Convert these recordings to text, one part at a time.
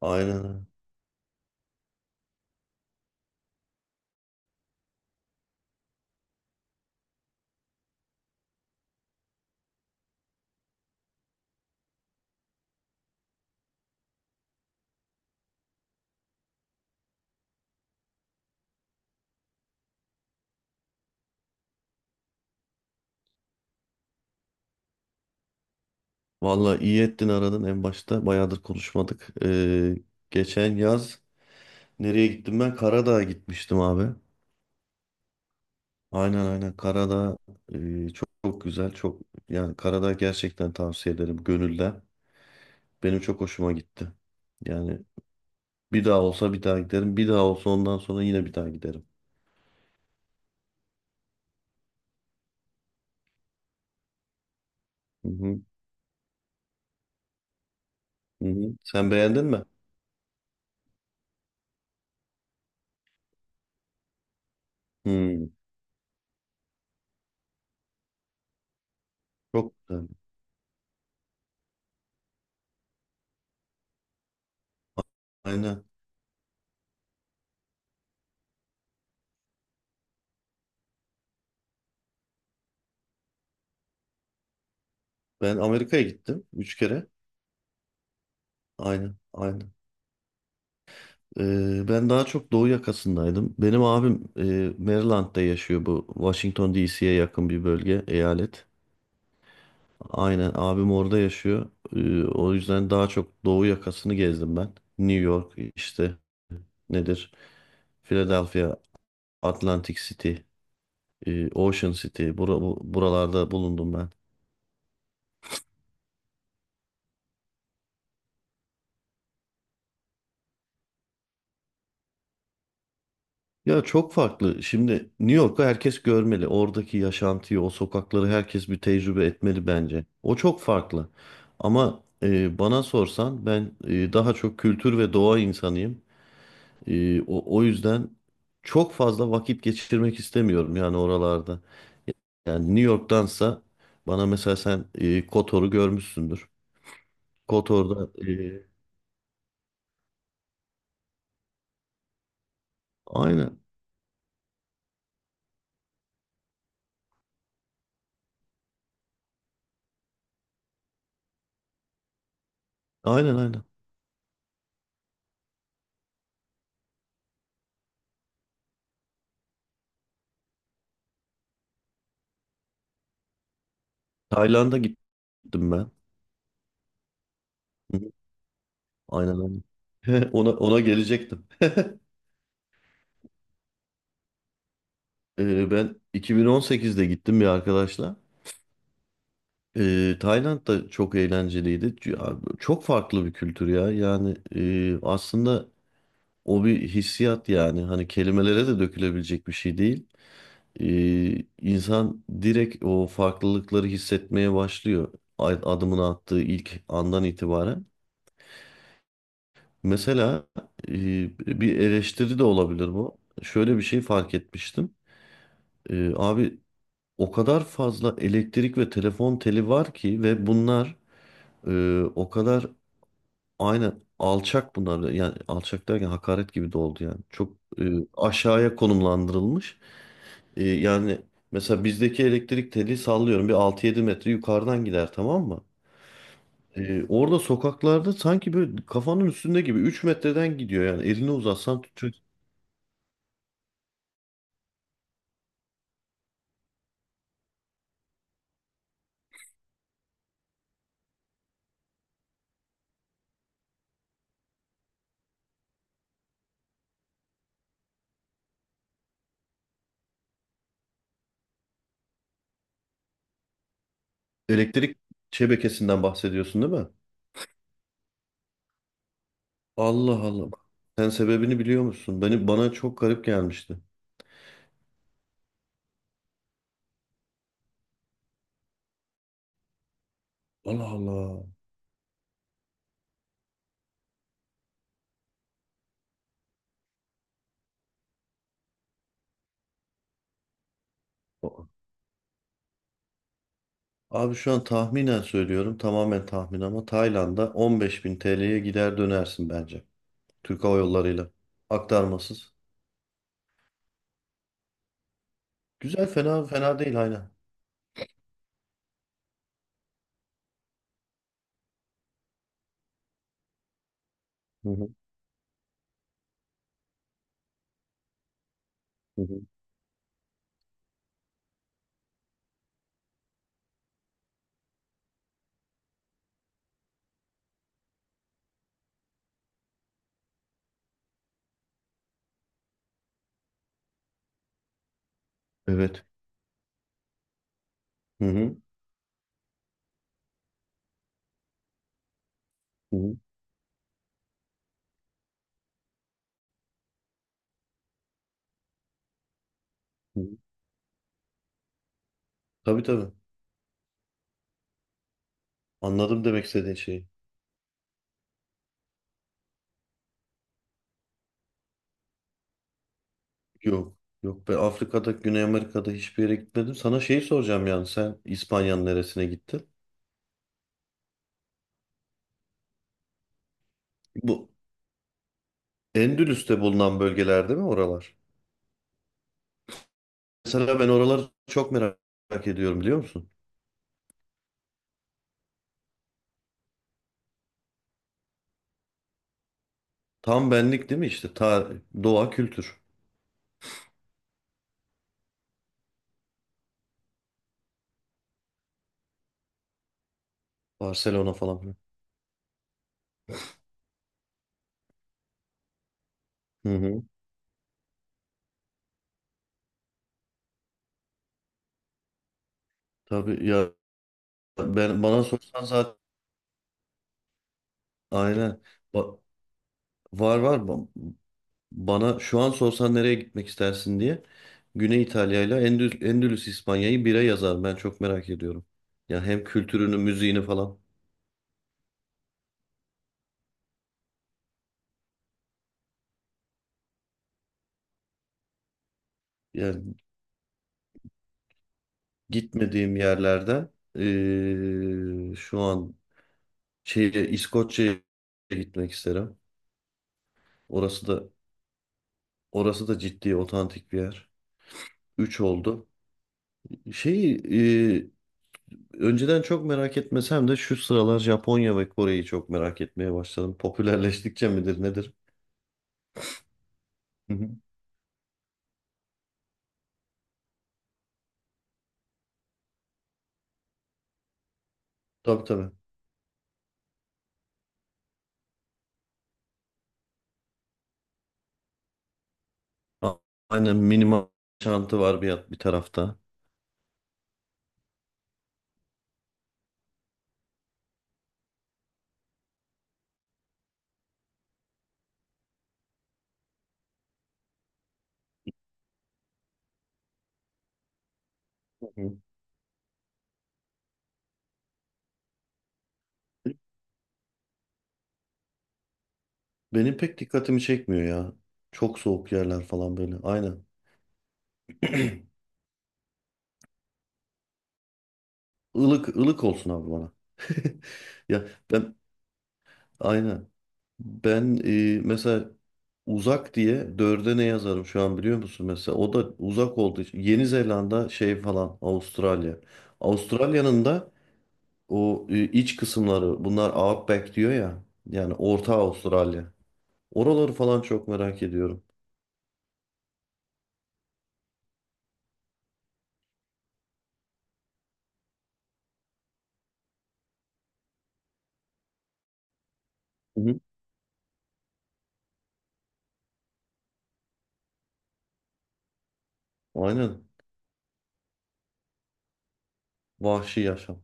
Aynen, öyle. Vallahi iyi ettin aradın en başta. Bayağıdır konuşmadık. Geçen yaz nereye gittim ben? Karadağ'a gitmiştim abi. Aynen aynen, Karadağ çok, çok güzel. Yani Karadağ gerçekten tavsiye ederim gönülden. Benim çok hoşuma gitti. Yani bir daha olsa bir daha giderim. Bir daha olsa ondan sonra yine bir daha giderim. Hı hı, hı hı. Sen beğendin mi? Hı, çok güzel. Aynen. Ben Amerika'ya gittim. Üç kere. Aynen. Aynen. Ben daha çok doğu yakasındaydım. Benim abim Maryland'da yaşıyor bu. Washington DC'ye yakın bir bölge, eyalet. Aynen, abim orada yaşıyor. O yüzden daha çok doğu yakasını gezdim ben. New York, işte nedir? Philadelphia, Atlantic City, Ocean City. Buralarda bulundum ben. Ya çok farklı. Şimdi New York'u herkes görmeli. Oradaki yaşantıyı, o sokakları herkes bir tecrübe etmeli bence. O çok farklı. Ama bana sorsan ben daha çok kültür ve doğa insanıyım. O yüzden çok fazla vakit geçirmek istemiyorum yani oralarda. Yani New York'tansa bana mesela sen Kotor'u görmüşsündür. Kotor'da aynen aynen aynen. Tayland'a gittim ben. Hı hı, aynen aynen. Ona gelecektim. Ben 2018'de gittim bir arkadaşla. Tayland da çok eğlenceliydi. Ya, çok farklı bir kültür ya. Aslında o bir hissiyat yani. Hani kelimelere de dökülebilecek bir şey değil. İnsan direkt o farklılıkları hissetmeye başlıyor. Adımını attığı ilk andan itibaren. Mesela e, bir eleştiri de olabilir bu. Şöyle bir şey fark etmiştim. Abi o kadar fazla elektrik ve telefon teli var ki ve bunlar o kadar aynı alçak, bunlar yani alçak derken hakaret gibi de oldu yani çok e, aşağıya konumlandırılmış. Yani mesela bizdeki elektrik teli, sallıyorum, bir 6-7 metre yukarıdan gider, tamam mı? Orada sokaklarda sanki böyle kafanın üstünde gibi 3 metreden gidiyor, yani elini uzatsan tutacaksın. Elektrik şebekesinden bahsediyorsun değil mi? Allah Allah. Sen sebebini biliyor musun? Bana çok garip gelmişti. Allah Allah. O- Abi şu an tahminen söylüyorum. Tamamen tahmin ama Tayland'a 15 bin TL'ye gider dönersin bence. Türk Hava Yolları'yla. Aktarmasız. Güzel, fena fena değil, aynen. Hı hı, hı hı. Evet. Hı hı, hı hı, hı hı. Tabii tabii. Anladım demek istediğin şeyi. Yok. Yok, ben Afrika'da, Güney Amerika'da hiçbir yere gitmedim. Sana şeyi soracağım, yani sen İspanya'nın neresine gittin? Bu Endülüs'te bulunan bölgeler değil mi oralar? Mesela ben oraları çok merak ediyorum biliyor musun? Tam benlik değil mi işte? Doğa, kültür. Barcelona falan filan. Hı hı. Tabii ya, ben bana sorsan zaten aynen. Ba- var var Ba- Bana şu an sorsan nereye gitmek istersin diye, Güney İtalya ile Endülüs İspanya'yı bire yazar. Ben çok merak ediyorum. Ya hem kültürünü, müziğini falan. Yani gitmediğim yerlerden şu an İskoçya'ya gitmek isterim. Orası da orası da ciddi otantik bir yer. 3 oldu. Şey e, Önceden çok merak etmesem de şu sıralar Japonya ve Kore'yi çok merak etmeye başladım. Popülerleştikçe midir nedir? Hı hı. Tabii tabii. A- Aynen, minimal çantı var bir tarafta. Hı hı. Benim pek dikkatimi çekmiyor ya. Çok soğuk yerler falan böyle. Aynen. Ilık ılık olsun abi bana. Ya, aynen. Ben mesela uzak diye dörde ne yazarım şu an biliyor musun? Mesela o da uzak olduğu için Yeni Zelanda, şey falan, Avustralya. Avustralya'nın da o iç kısımları, bunlar Outback diyor ya. Yani Orta Avustralya. Oraları falan çok merak ediyorum. Hı hı. Aynen. Vahşi yaşam.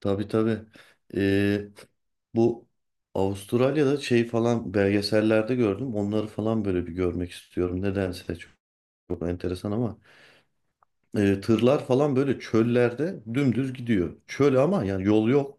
Tabii tabii. E, Bu Avustralya'da şey falan, belgesellerde gördüm. Onları falan böyle bir görmek istiyorum. Nedense çok enteresan ama tırlar falan böyle çöllerde dümdüz gidiyor. Çöl ama yani yol yok.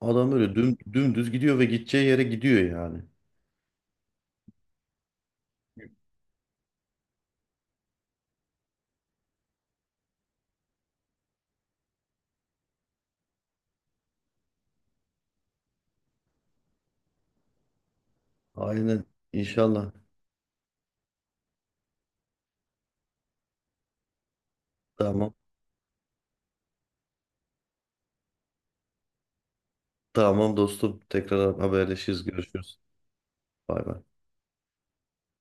Adam böyle dümdüz gidiyor ve gideceği yere gidiyor yani. Aynen, inşallah. Tamam. Tamam dostum. Tekrar haberleşiriz. Görüşürüz. Bay bay.